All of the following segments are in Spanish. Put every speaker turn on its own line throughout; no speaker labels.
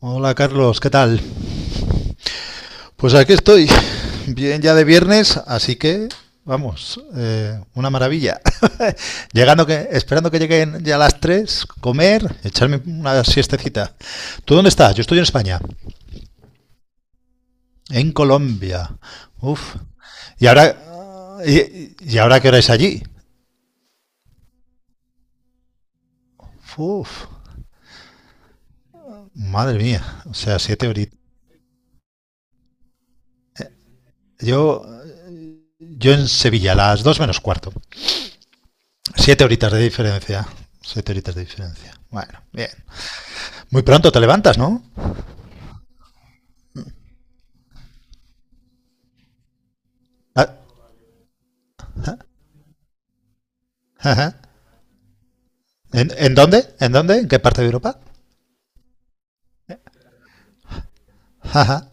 Hola Carlos, ¿qué tal? Pues aquí estoy, bien ya de viernes, así que vamos, una maravilla. Esperando que lleguen ya las 3, comer, echarme una siestecita. ¿Tú dónde estás? Yo estoy en España, en Colombia. Uf. Y ahora qué hora es allí? Uf, madre mía, o sea, siete horitas. Yo, yo en Sevilla, las 2 menos cuarto. Siete horitas de diferencia. Siete horitas de diferencia. Bueno, bien. Muy pronto te levantas, ¿no? Ah, ah, ah, ah. ¿En dónde? ¿En dónde? ¿En qué parte de Europa? Ah, ah.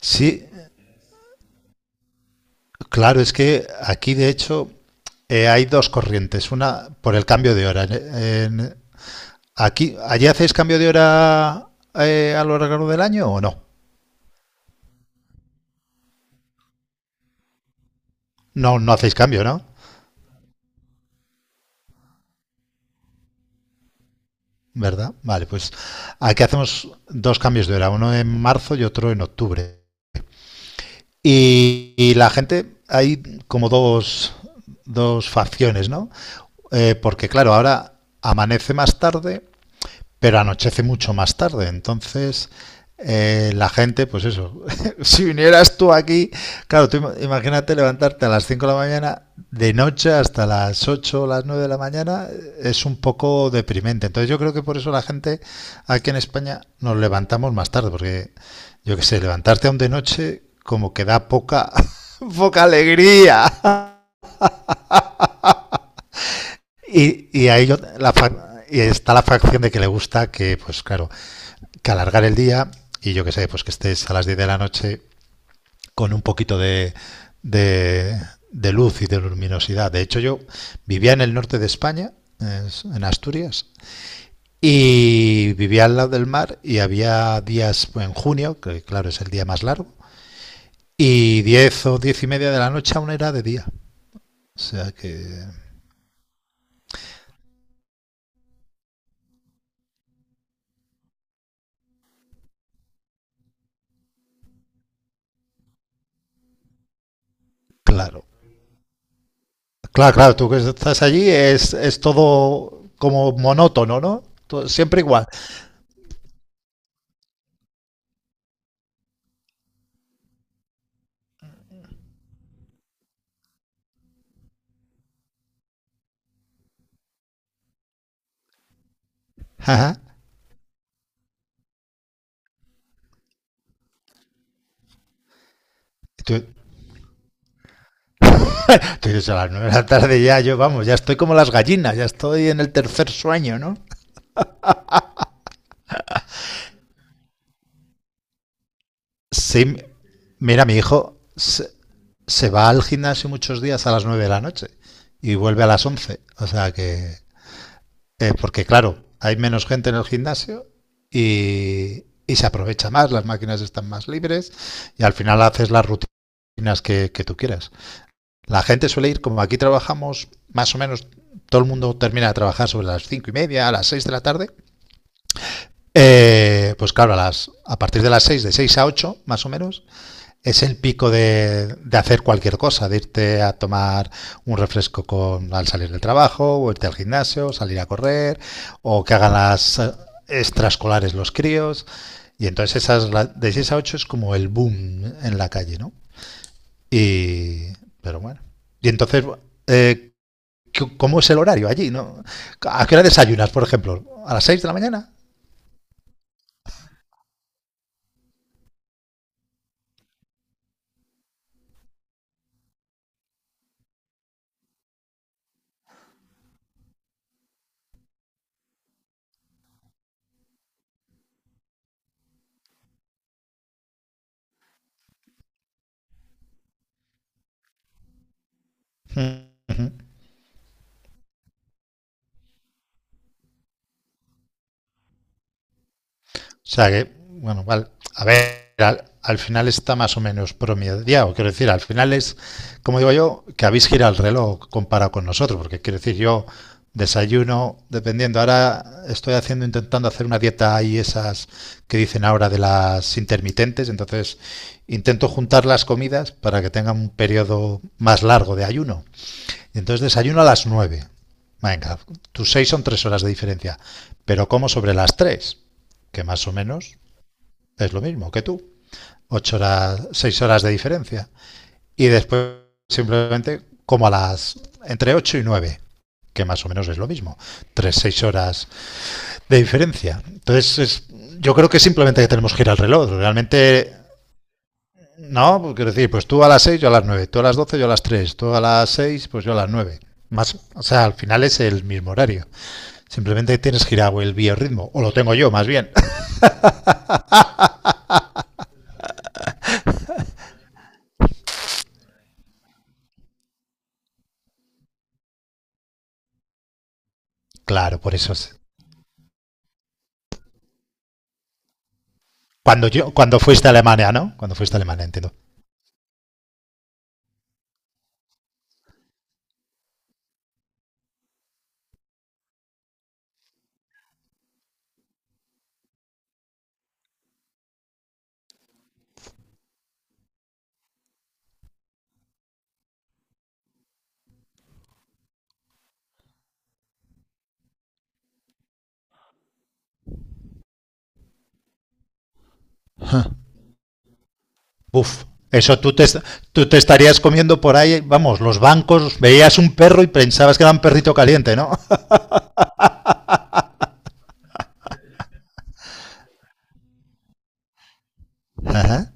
Sí, claro, es que aquí de hecho hay dos corrientes. Una por el cambio de hora. En- aquí, ¿allí hacéis cambio de hora a lo largo del año o no? No, no hacéis cambio, ¿no? ¿Verdad? Vale, pues aquí hacemos dos cambios de hora, uno en marzo y otro en octubre. Y la gente, hay como dos, dos facciones, ¿no? Porque claro, ahora amanece más tarde pero anochece mucho más tarde. Entonces, la gente, pues eso, si vinieras tú aquí, claro, tú imagínate levantarte a las 5 de la mañana, de noche hasta las 8, o las 9 de la mañana, es un poco deprimente. Entonces yo creo que por eso la gente aquí en España nos levantamos más tarde, porque yo qué sé, levantarte aún de noche como que da poca, poca alegría. Y ahí yo, la, fa- y está la facción de que le gusta que, pues claro, que alargar el día y yo que sé, pues que estés a las 10 de la noche con un poquito de, de luz y de luminosidad. De hecho, yo vivía en el norte de España, en Asturias, y vivía al lado del mar y había días pues, en junio, que claro es el día más largo, y 10 o 10 y media de la noche aún era de día. O sea que, claro. Claro, claro, tú que estás allí es todo como monótono, ¿no? Todo, siempre igual. Ajá. Tú, Entonces a las 9 de la tarde ya yo, vamos, ya estoy como las gallinas, ya estoy en el tercer sueño, ¿no? Sí, mira, mi hijo se va al gimnasio muchos días a las 9 de la noche y vuelve a las 11. O sea que, porque claro, hay menos gente en el gimnasio y se aprovecha más, las máquinas están más libres y al final haces las rutinas que tú quieras. La gente suele ir, como aquí trabajamos más o menos, todo el mundo termina de trabajar sobre las cinco y media, a las 6 de la tarde. Pues claro, a partir de las 6, de 6 a 8, más o menos, es el pico de hacer cualquier cosa, de irte a tomar un refresco con, al salir del trabajo, o irte al gimnasio, o salir a correr, o que hagan las extraescolares los críos. Y entonces esas de 6 a 8 es como el boom en la calle, ¿no? Y, pero bueno. Y entonces, eh, ¿cómo es el horario allí? ¿No? ¿A qué hora desayunas, por ejemplo? ¿A las 6 de la mañana? Mm. O sea que, bueno, vale. A ver, al final está más o menos promediado. Quiero decir, al final es, como digo yo, que habéis girado el reloj comparado con nosotros, porque quiero decir, yo desayuno, dependiendo. Ahora estoy haciendo, intentando hacer una dieta ahí, esas que dicen ahora de las intermitentes. Entonces, intento juntar las comidas para que tengan un periodo más largo de ayuno. Entonces desayuno a las 9. Venga, tus 6 son 3 horas de diferencia, pero como sobre las 3, que más o menos es lo mismo que tú, 8 horas, 6 horas de diferencia. Y después simplemente como a las entre 8 y 9, que más o menos es lo mismo. 3, 6 horas de diferencia. Entonces es, yo creo que simplemente tenemos que ir al reloj. Realmente no, pues quiero decir, pues tú a las 6, yo a las 9, tú a las 12, yo a las 3, tú a las seis, pues yo a las 9. Más, o sea, al final es el mismo horario. Simplemente tienes girado el biorritmo, o lo tengo yo más bien. Claro, por eso es. Cuando fuiste a Alemania, ¿no? Cuando fuiste a Alemania, entiendo. Uf, eso tú te estarías comiendo por ahí, vamos, los bancos, veías un perro y pensabas que era un perrito caliente, ¿no? Ajá.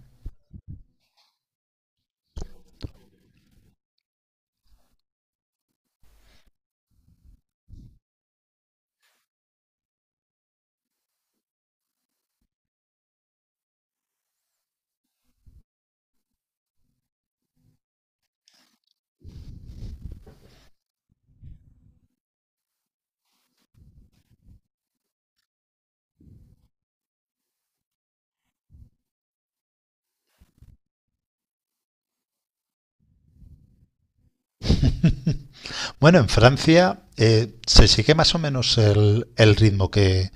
Bueno, en Francia se sigue más o menos el ritmo que,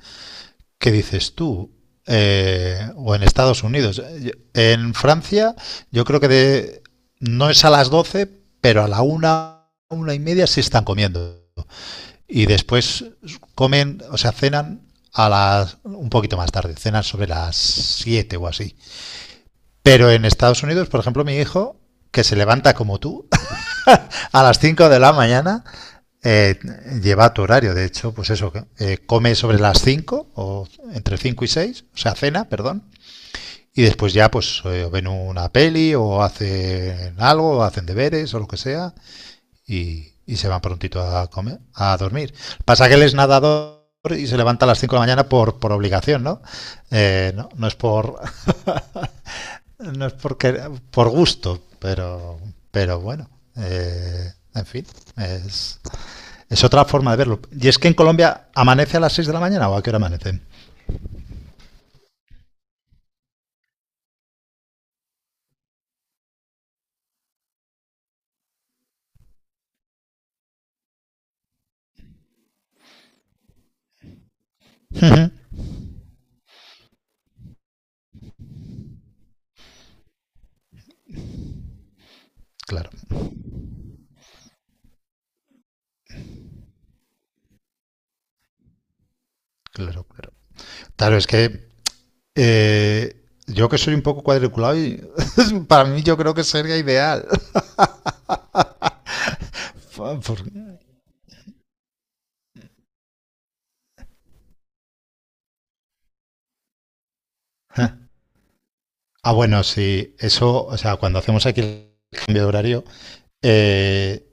¿qué dices tú? O en Estados Unidos. En Francia, yo creo que no es a las 12, pero a la una y media sí están comiendo. Y después comen, o sea, cenan a las un poquito más tarde, cenan sobre las 7 o así. Pero en Estados Unidos, por ejemplo, mi hijo, que se levanta como tú, a las 5 de la mañana. Eh, lleva tu horario, de hecho, pues eso, come sobre las 5 o entre 5 y 6. O sea, cena, perdón, y después ya pues ven una peli o hacen algo, o hacen deberes o lo que sea, y se van prontito a comer, a dormir. Pasa que él es nadador y se levanta a las 5 de la mañana por obligación, ¿no? No, no es por... No es porque por gusto, pero bueno. En fin, es, otra forma de verlo. Y es que en Colombia amanece a las 6 de la mañana o a qué hora amanece. Claro, claro, claro. Claro, es que yo que soy un poco cuadriculado, y para mí yo creo que sería ideal. Ah, bueno, sí, eso, o sea, cuando hacemos aquí el cambio de horario, eh,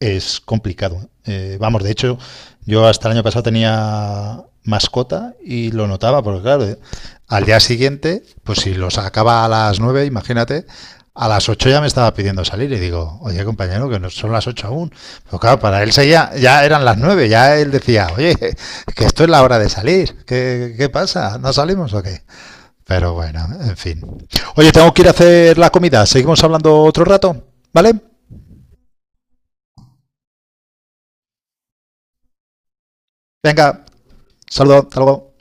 es complicado. Vamos, de hecho, yo hasta el año pasado tenía mascota y lo notaba, porque claro, al día siguiente, pues si lo sacaba a las 9, imagínate, a las 8 ya me estaba pidiendo salir y digo, oye compañero, que no son las 8 aún. Pero claro, para él seguía, ya eran las 9, ya él decía, oye, que esto es la hora de salir, ¿qué pasa? ¿No salimos o qué? Pero bueno, en fin. Oye, tengo que ir a hacer la comida, seguimos hablando otro rato, ¿vale? Venga, saludo, hasta luego.